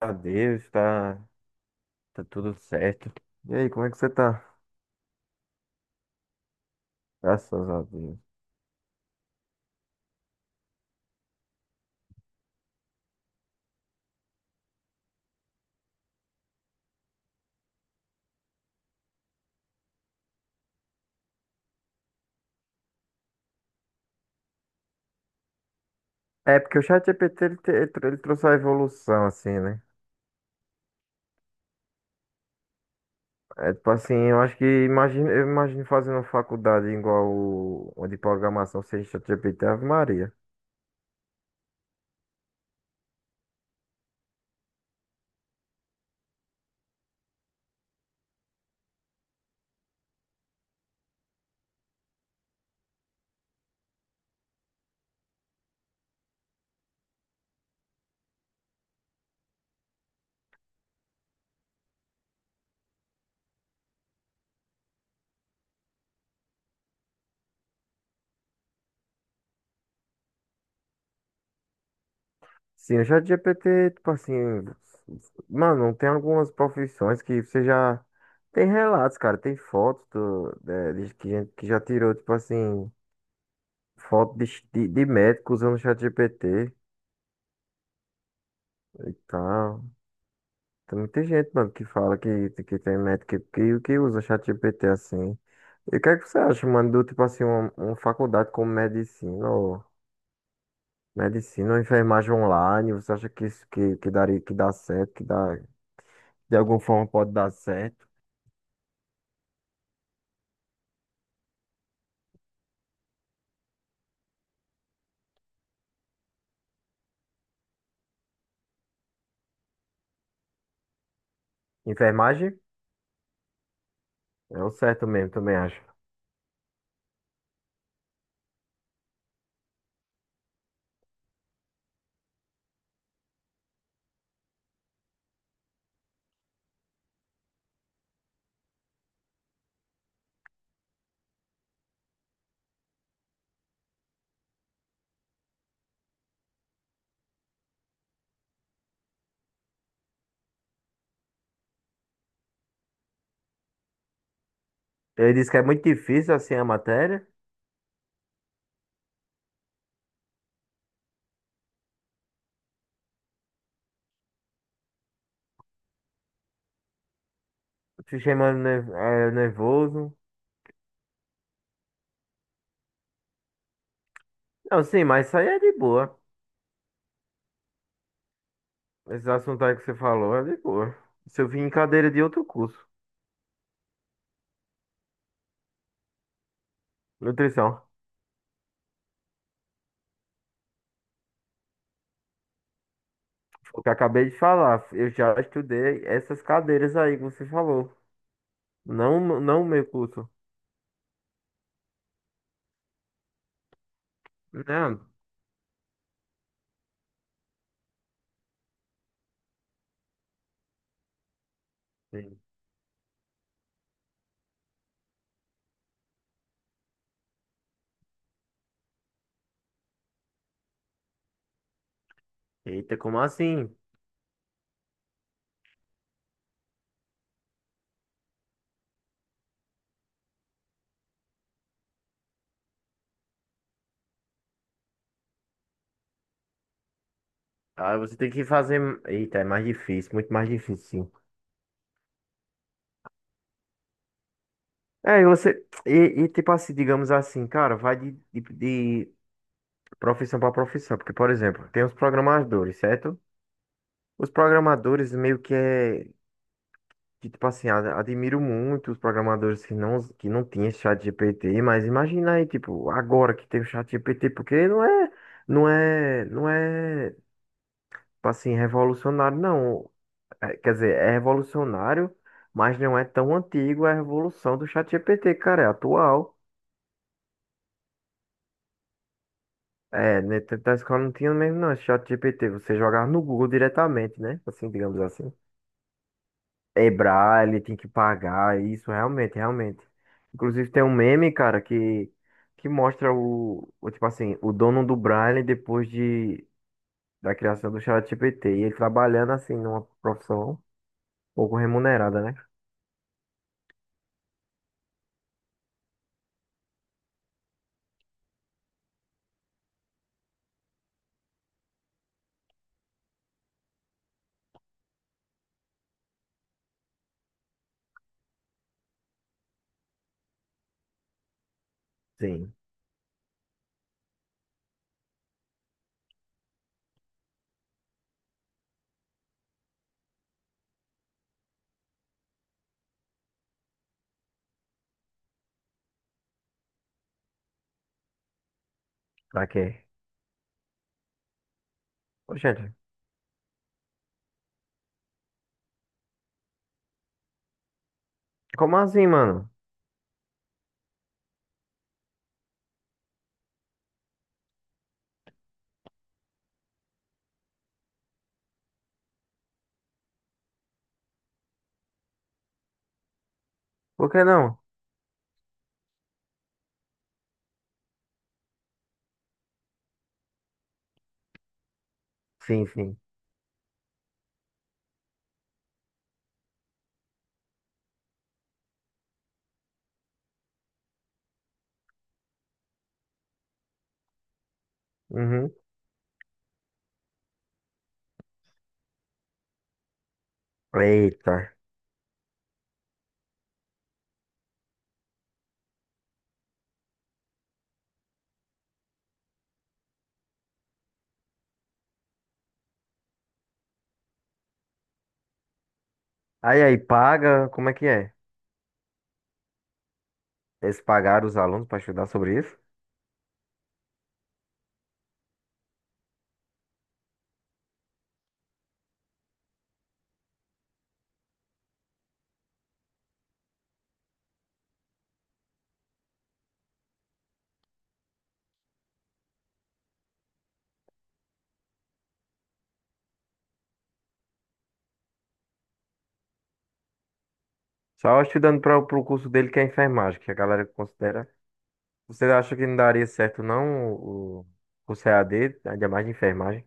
A Deus, tá, tá tudo certo. E aí, como é que você tá? Graças a Deus. É, porque o ChatGPT, ele trouxe a evolução, assim, né? É, tipo assim, eu acho que, eu imagino fazendo faculdade igual o de programação sem ChatGPT, Ave Maria. Sim, o ChatGPT, tipo assim, mano, tem algumas profissões que você já... Tem relatos, cara, tem fotos de, que gente que já tirou, tipo assim, foto de médico usando o ChatGPT e tal. Tem muita gente, mano, que fala que tem médico que usa ChatGPT assim. E o que é que você acha, mano, do tipo assim, uma faculdade como medicina ou enfermagem online? Você acha que isso que daria, que dá certo, que dá, de alguma forma pode dar certo? Enfermagem? É o certo mesmo, também acho. Ele disse que é muito difícil assim a matéria. Te chamando é, nervoso. Não, sim, mas isso aí é de boa. Esse assunto aí que você falou é de boa. Isso eu vim em cadeira de outro curso. Nutrição. O que eu acabei de falar, eu já estudei essas cadeiras aí que você falou. Não, não o meu curso. Não. Sim. Eita, como assim? Aí você tem que fazer. Eita, é mais difícil, muito mais difícil, sim. É, e você. E, tipo assim, digamos assim, cara, vai de profissão para profissão. Porque, por exemplo, tem os programadores, certo? Os programadores meio que é, que, tipo assim, admiro muito os programadores que não tinham esse chat GPT, mas imagina aí, tipo, agora que tem o chat GPT, porque não é, tipo assim, revolucionário, não. É, quer dizer, é revolucionário, mas não é tão antigo a revolução do chat GPT, cara, é atual. É, né, tanto da escola não tinha mesmo, não, esse chat GPT, você jogava no Google diretamente, né? Assim, digamos assim. Ebrar, ele tem que pagar, isso realmente, realmente. Inclusive tem um meme, cara, que mostra tipo assim, o dono do Braille depois de, da criação do ChatGPT, e ele trabalhando assim numa profissão pouco remunerada, né? Sim, pra quê? Ô, gente, como assim, mano? Por que não? Sim, sim. Uhum. Eita. Aí, paga, como é que é? Eles pagaram os alunos pra estudar sobre isso? Só estudando para o curso dele que é enfermagem, que a galera considera. Você acha que não daria certo, não, o C CAD, ainda mais de enfermagem?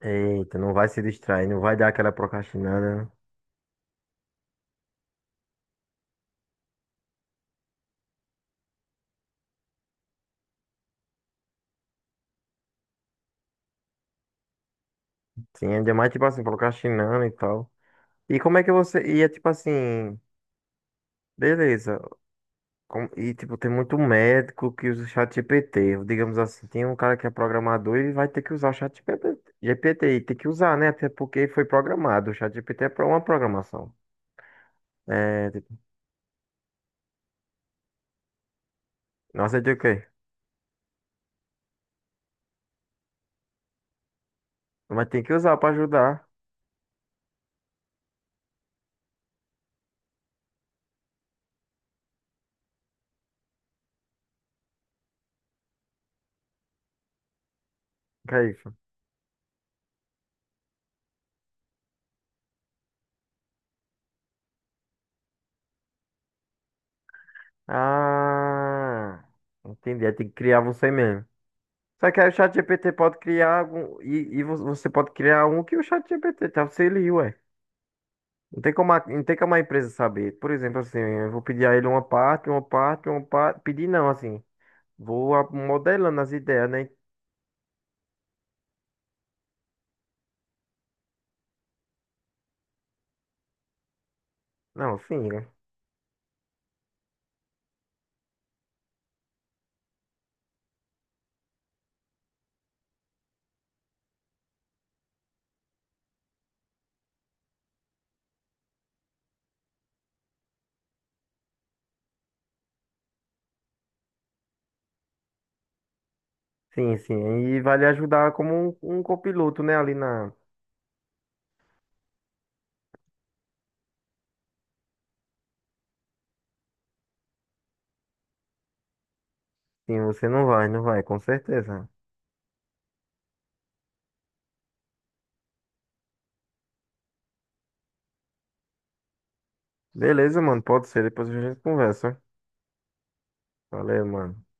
Eita, não vai se distrair, não vai dar aquela procrastinada, né? Sim, ainda mais, tipo assim, procrastinando e tal. E como é que você. E é tipo assim, beleza. E tipo, tem muito médico que usa o chat G P T. Digamos assim, tem um cara que é programador e vai ter que usar o chat GPT, e tem que usar, né? Até porque foi programado. O chat G GPT é pra uma programação. É, tipo, nossa, é de o quê? Mas tem que usar pra ajudar. Ok. Ah, entendi. Aí tem que criar você mesmo. Só que aí o ChatGPT pode criar algum. E, você pode criar um que o ChatGPT te auxilia, ué. Não tem como a empresa saber. Por exemplo, assim, eu vou pedir a ele uma parte, uma parte, uma parte. Pedir não, assim. Vou modelando as ideias, né? Não, sim, né? Sim, sim. E vai lhe ajudar como um copiloto, né? Ali na. Sim, você não vai, com certeza. Beleza, mano. Pode ser. Depois a gente conversa. Valeu, mano.